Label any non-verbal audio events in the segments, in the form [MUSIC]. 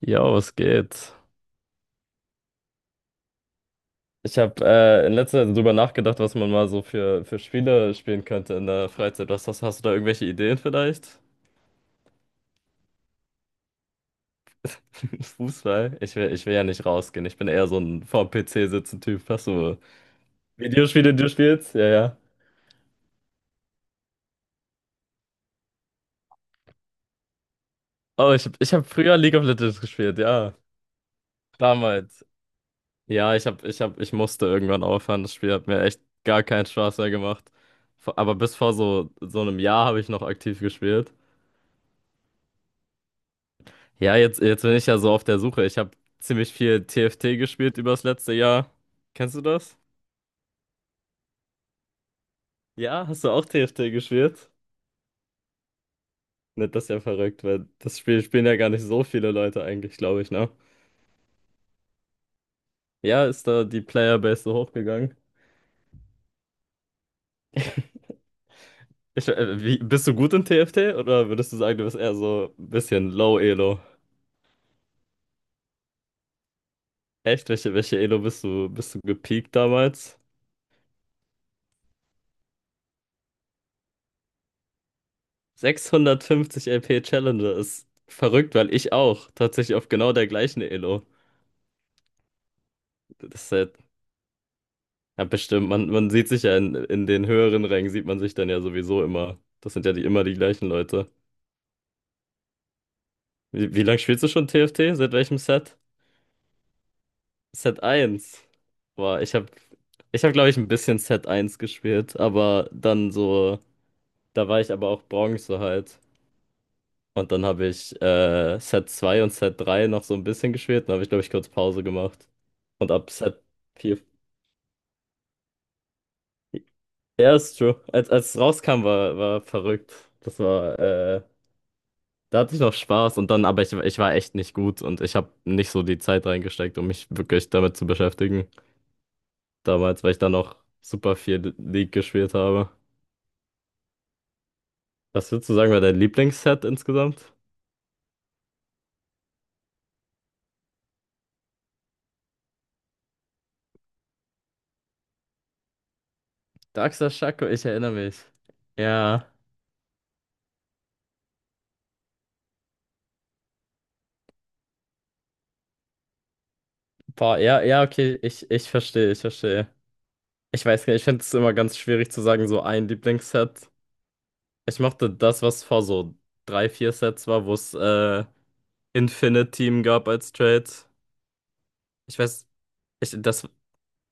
Jo, es geht. Ich habe in letzter Zeit drüber nachgedacht, was man mal so für Spiele spielen könnte in der Freizeit. Was hast du da irgendwelche Ideen vielleicht? [LAUGHS] Fußball? Ich will ja nicht rausgehen. Ich bin eher so ein vorm PC sitzen Typ. Hast du Videospiele, die du spielst? Ja. Oh, ich hab früher League of Legends gespielt, ja. Damals. Ja, ich hab, ich musste irgendwann aufhören. Das Spiel hat mir echt gar keinen Spaß mehr gemacht. Aber bis vor so einem Jahr habe ich noch aktiv gespielt. Ja, jetzt bin ich ja so auf der Suche. Ich habe ziemlich viel TFT gespielt übers letzte Jahr. Kennst du das? Ja, hast du auch TFT gespielt? Ne, das ist ja verrückt, weil das Spiel spielen ja gar nicht so viele Leute eigentlich, glaube ich, ne? Ja, ist da die Playerbase so hochgegangen? Bist du gut in TFT oder würdest du sagen, du bist eher so ein bisschen low Elo? Echt? Welche Elo bist du gepiekt damals? 650 LP Challenger ist verrückt, weil ich auch tatsächlich auf genau der gleichen Elo. Das ist halt. Ja, bestimmt. Man sieht sich ja in den höheren Rängen, sieht man sich dann ja sowieso immer. Das sind ja die, immer die gleichen Leute. Wie lange spielst du schon TFT? Seit welchem Set? Set eins. Boah, ich hab, glaube ich, ein bisschen Set eins gespielt, aber dann so, da war ich aber auch Bronze halt. Und dann habe ich Set 2 und Set 3 noch so ein bisschen gespielt. Dann habe ich, glaube ich, kurz Pause gemacht. Und ab Set vier. Ja, ist true. Als es rauskam, war verrückt. Das war. Da hatte ich noch Spaß und dann, aber ich war echt nicht gut und ich habe nicht so die Zeit reingesteckt, um mich wirklich damit zu beschäftigen. Damals, weil ich dann noch super viel League gespielt habe. Was würdest du sagen, war dein Lieblingsset insgesamt? Daxa Shaco, ich erinnere mich. Ja, boah, ja, ja, okay, ich verstehe, ich verstehe. Ich weiß nicht, ich finde es immer ganz schwierig zu sagen, so ein Lieblingsset. Ich mochte das, was vor so drei, vier Sets war, wo es Infinite Team gab als Trade. Ich weiß, ich, das,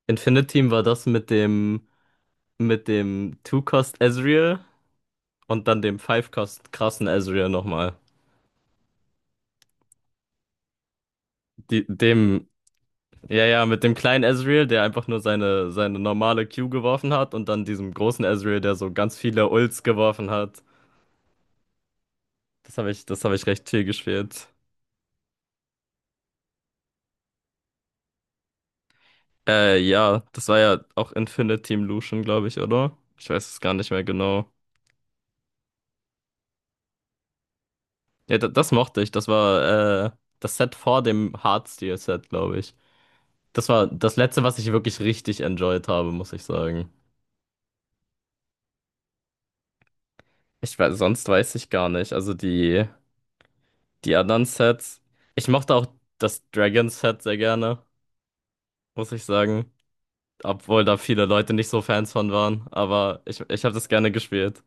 Infinite Team war das mit dem Two-Cost Ezreal und dann dem Five-Cost krassen Ezreal nochmal. Die, dem, ja, ja, mit dem kleinen Ezreal, der einfach nur seine normale Q geworfen hat und dann diesem großen Ezreal, der so ganz viele Ults geworfen hat. Das habe ich recht viel gespielt. Ja, das war ja auch Infinite Team Lucian, glaube ich, oder? Ich weiß es gar nicht mehr genau. Ja, da, das mochte ich. Das war das Set vor dem Hard Steel Set, glaube ich. Das war das Letzte, was ich wirklich richtig enjoyed habe, muss ich sagen. Ich weiß, sonst weiß ich gar nicht. Also die anderen Sets. Ich mochte auch das Dragon Set sehr gerne, muss ich sagen. Obwohl da viele Leute nicht so Fans von waren. Aber ich habe das gerne gespielt.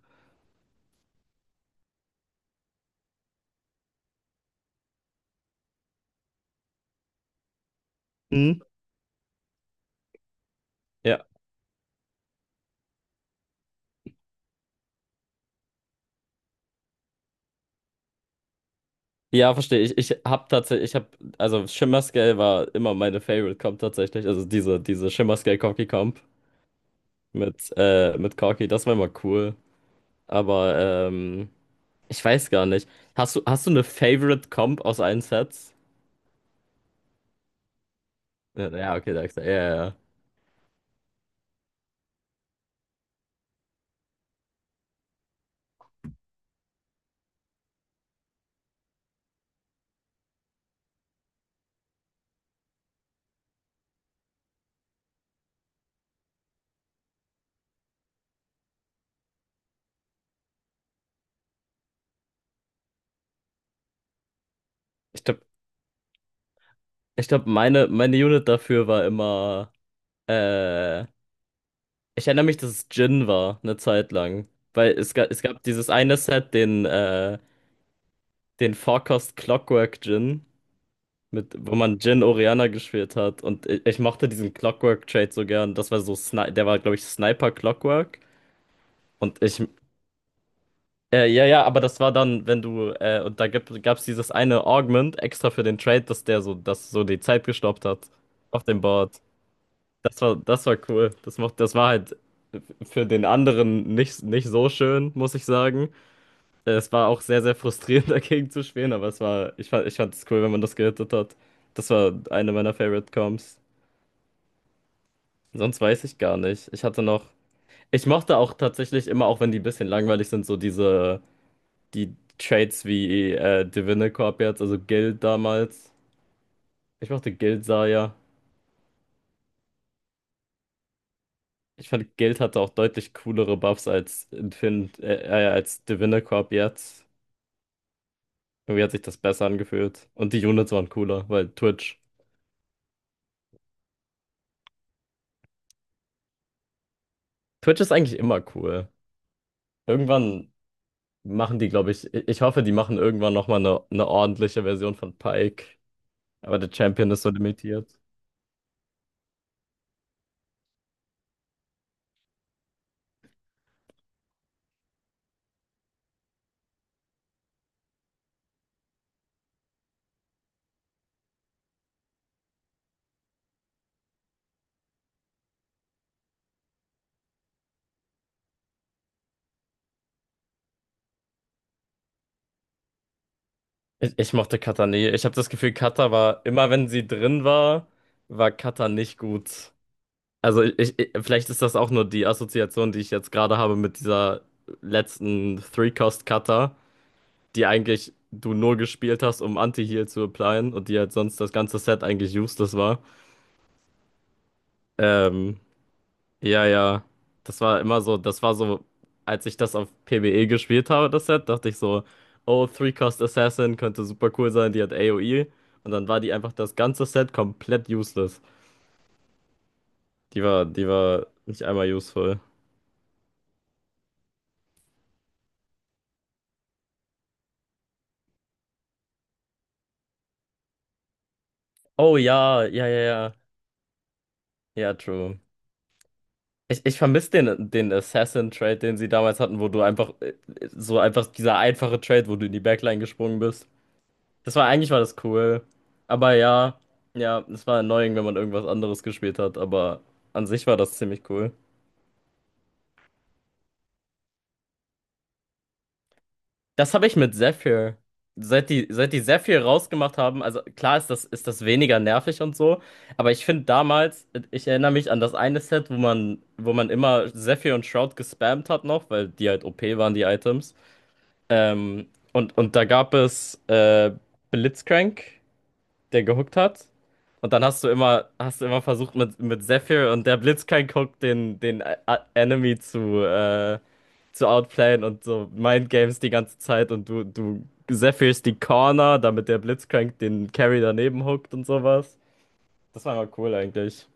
Mhm. Ja. Ja, verstehe. Ich habe, also Shimmer Scale war immer meine Favorite Comp tatsächlich. Also diese Shimmer Scale Corki Comp mit Corki, das war immer cool. Aber ich weiß gar nicht. Hast du eine Favorite Comp aus allen Sets? Ja, ja, okay, da, ja, ja, ja. Ich glaube, meine Unit dafür war immer. Äh, ich erinnere mich, dass es Jhin war, eine Zeit lang. Weil es gab dieses eine Set, den Forecast Clockwork Jhin, mit, wo man Jhin Orianna gespielt hat. Und ich mochte diesen Clockwork Trade so gern. Das war so, Sni der war, glaube ich, Sniper Clockwork. Und ich, ja, ja, aber das war dann, wenn du, und da gab's dieses eine Augment extra für den Trade, dass der so, dass so die Zeit gestoppt hat auf dem Board. Das war cool. Das war halt für den anderen nicht so schön, muss ich sagen. Es war auch sehr, sehr frustrierend [LAUGHS] dagegen zu spielen, aber es war, ich fand es cool, wenn man das gehittet hat. Das war eine meiner Favorite Comps. Sonst weiß ich gar nicht. Ich mochte auch tatsächlich immer, auch wenn die ein bisschen langweilig sind, so diese die Trades wie Divinicorp jetzt, also Guild damals. Ich mochte Guild Zarya. Ich fand, Guild hatte auch deutlich coolere Buffs als Infin als Divinicorp jetzt. Irgendwie hat sich das besser angefühlt. Und die Units waren cooler, weil Twitch. Twitch ist eigentlich immer cool. Irgendwann machen die, glaube ich, ich hoffe, die machen irgendwann nochmal eine ordentliche Version von Pike. Aber der Champion ist so limitiert. Ich mochte Katar nie. Ich habe das Gefühl, Katar war, immer wenn sie drin war, war Katar nicht gut. Also vielleicht ist das auch nur die Assoziation, die ich jetzt gerade habe mit dieser letzten Three-Cost-Cutter, die eigentlich du nur gespielt hast, um Anti-Heal zu applyen und die halt sonst das ganze Set eigentlich useless war. Ähm, ja, ja. Das war immer so, das war so, als ich das auf PvE gespielt habe, das Set, dachte ich so, oh, Three-Cost Assassin könnte super cool sein, die hat AoE. Und dann war die einfach das ganze Set komplett useless. Die war nicht einmal useful. Oh ja, ja, ja, ja. Ja, true. Ich vermisse den Assassin-Trade, den sie damals hatten, wo du einfach so einfach dieser einfache Trade, wo du in die Backline gesprungen bist. Das war eigentlich war das cool. Aber ja, ja, es war annoying, wenn man irgendwas anderes gespielt hat, aber an sich war das ziemlich cool. Das habe ich mit Zephyr. Seit die Zephyr rausgemacht haben, also klar ist ist das weniger nervig und so, aber ich finde damals, ich erinnere mich an das eine Set, wo man immer Zephyr und Shroud gespammt hat noch, weil die halt OP waren, die Items. Ähm, und da gab es Blitzcrank, der gehuckt hat. Und dann hast du immer versucht mit Zephyr und der Blitzcrank huckt den Enemy zu outplayen und so Mindgames die ganze Zeit und du Zephyrst die Corner, damit der Blitzcrank den Carry daneben huckt und sowas. Das war mal cool eigentlich.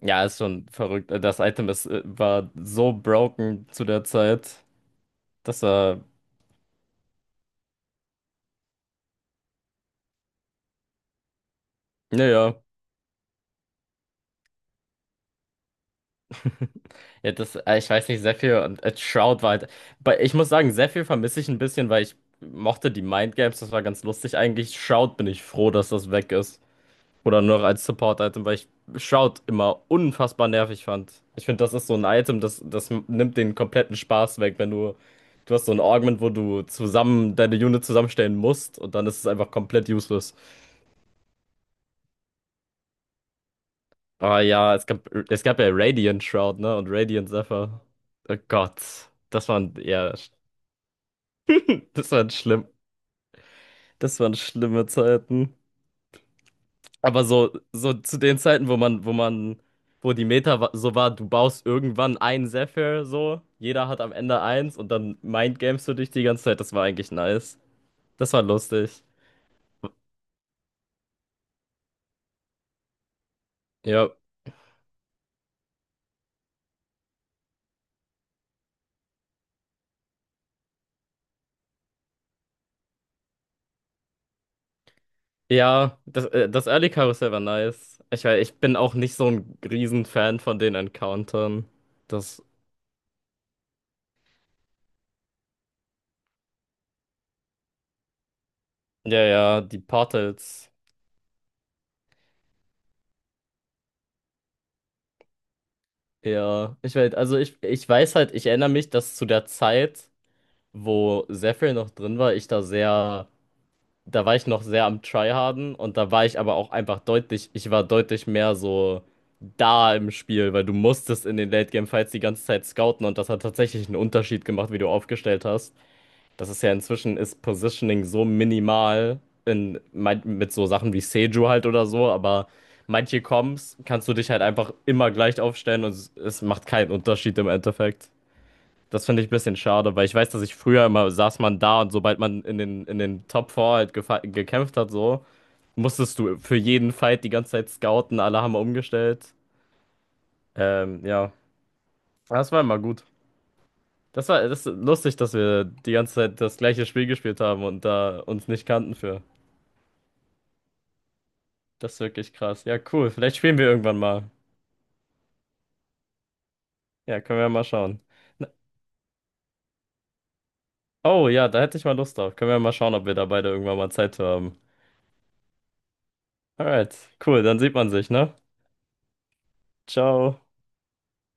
Ja, ist schon verrückt. Das Item war so broken zu der Zeit. Das war, naja. [LAUGHS] Ja, ich weiß nicht, Zephyr und Shroud war halt. Bei, ich muss sagen, Zephyr vermisse ich ein bisschen, weil ich mochte die Mind Games, das war ganz lustig eigentlich. Shroud bin ich froh, dass das weg ist. Oder nur noch als Support-Item, weil ich Shroud immer unfassbar nervig fand. Ich finde, das ist so ein Item, das nimmt den kompletten Spaß weg, wenn du. Du hast so ein Augment, wo du zusammen deine Unit zusammenstellen musst und dann ist es einfach komplett useless. Aber ja, es gab ja Radiant Shroud, ne? Und Radiant Zephyr. Oh Gott. Das waren, ja. Das waren schlimm, das waren schlimme Zeiten. Aber so, so zu den Zeiten, wo die so war, du baust irgendwann einen Zephyr, so, jeder hat am Ende eins und dann mindgamest du dich die ganze Zeit, das war eigentlich nice. Das war lustig. Ja, ja, das Early Karussell war nice. Ich bin auch nicht so ein Riesenfan von den Encountern. Das, ja, ja, die Portals. Ja, ich weiß, also ich weiß halt, ich erinnere mich, dass zu der Zeit. Wo sehr viel noch drin war, da war ich noch sehr am Tryharden und da war ich aber auch einfach deutlich, ich war deutlich mehr so da im Spiel, weil du musstest in den Late-Game-Fights die ganze Zeit scouten und das hat tatsächlich einen Unterschied gemacht, wie du aufgestellt hast. Das ist ja inzwischen, ist Positioning so minimal mit so Sachen wie Seju halt oder so, aber manche Comps kannst du dich halt einfach immer gleich aufstellen und es macht keinen Unterschied im Endeffekt. Das finde ich ein bisschen schade, weil ich weiß, dass ich früher immer saß man da und sobald man in in den Top 4 halt gekämpft hat, so, musstest du für jeden Fight die ganze Zeit scouten, alle haben umgestellt. Ja, das war immer gut. Das ist lustig, dass wir die ganze Zeit das gleiche Spiel gespielt haben und da uns nicht kannten für. Das ist wirklich krass. Ja, cool. Vielleicht spielen wir irgendwann mal. Ja, können wir mal schauen. Na- Oh ja, da hätte ich mal Lust drauf. Können wir mal schauen, ob wir da beide irgendwann mal Zeit für haben. Alright, cool, dann sieht man sich, ne? Ciao.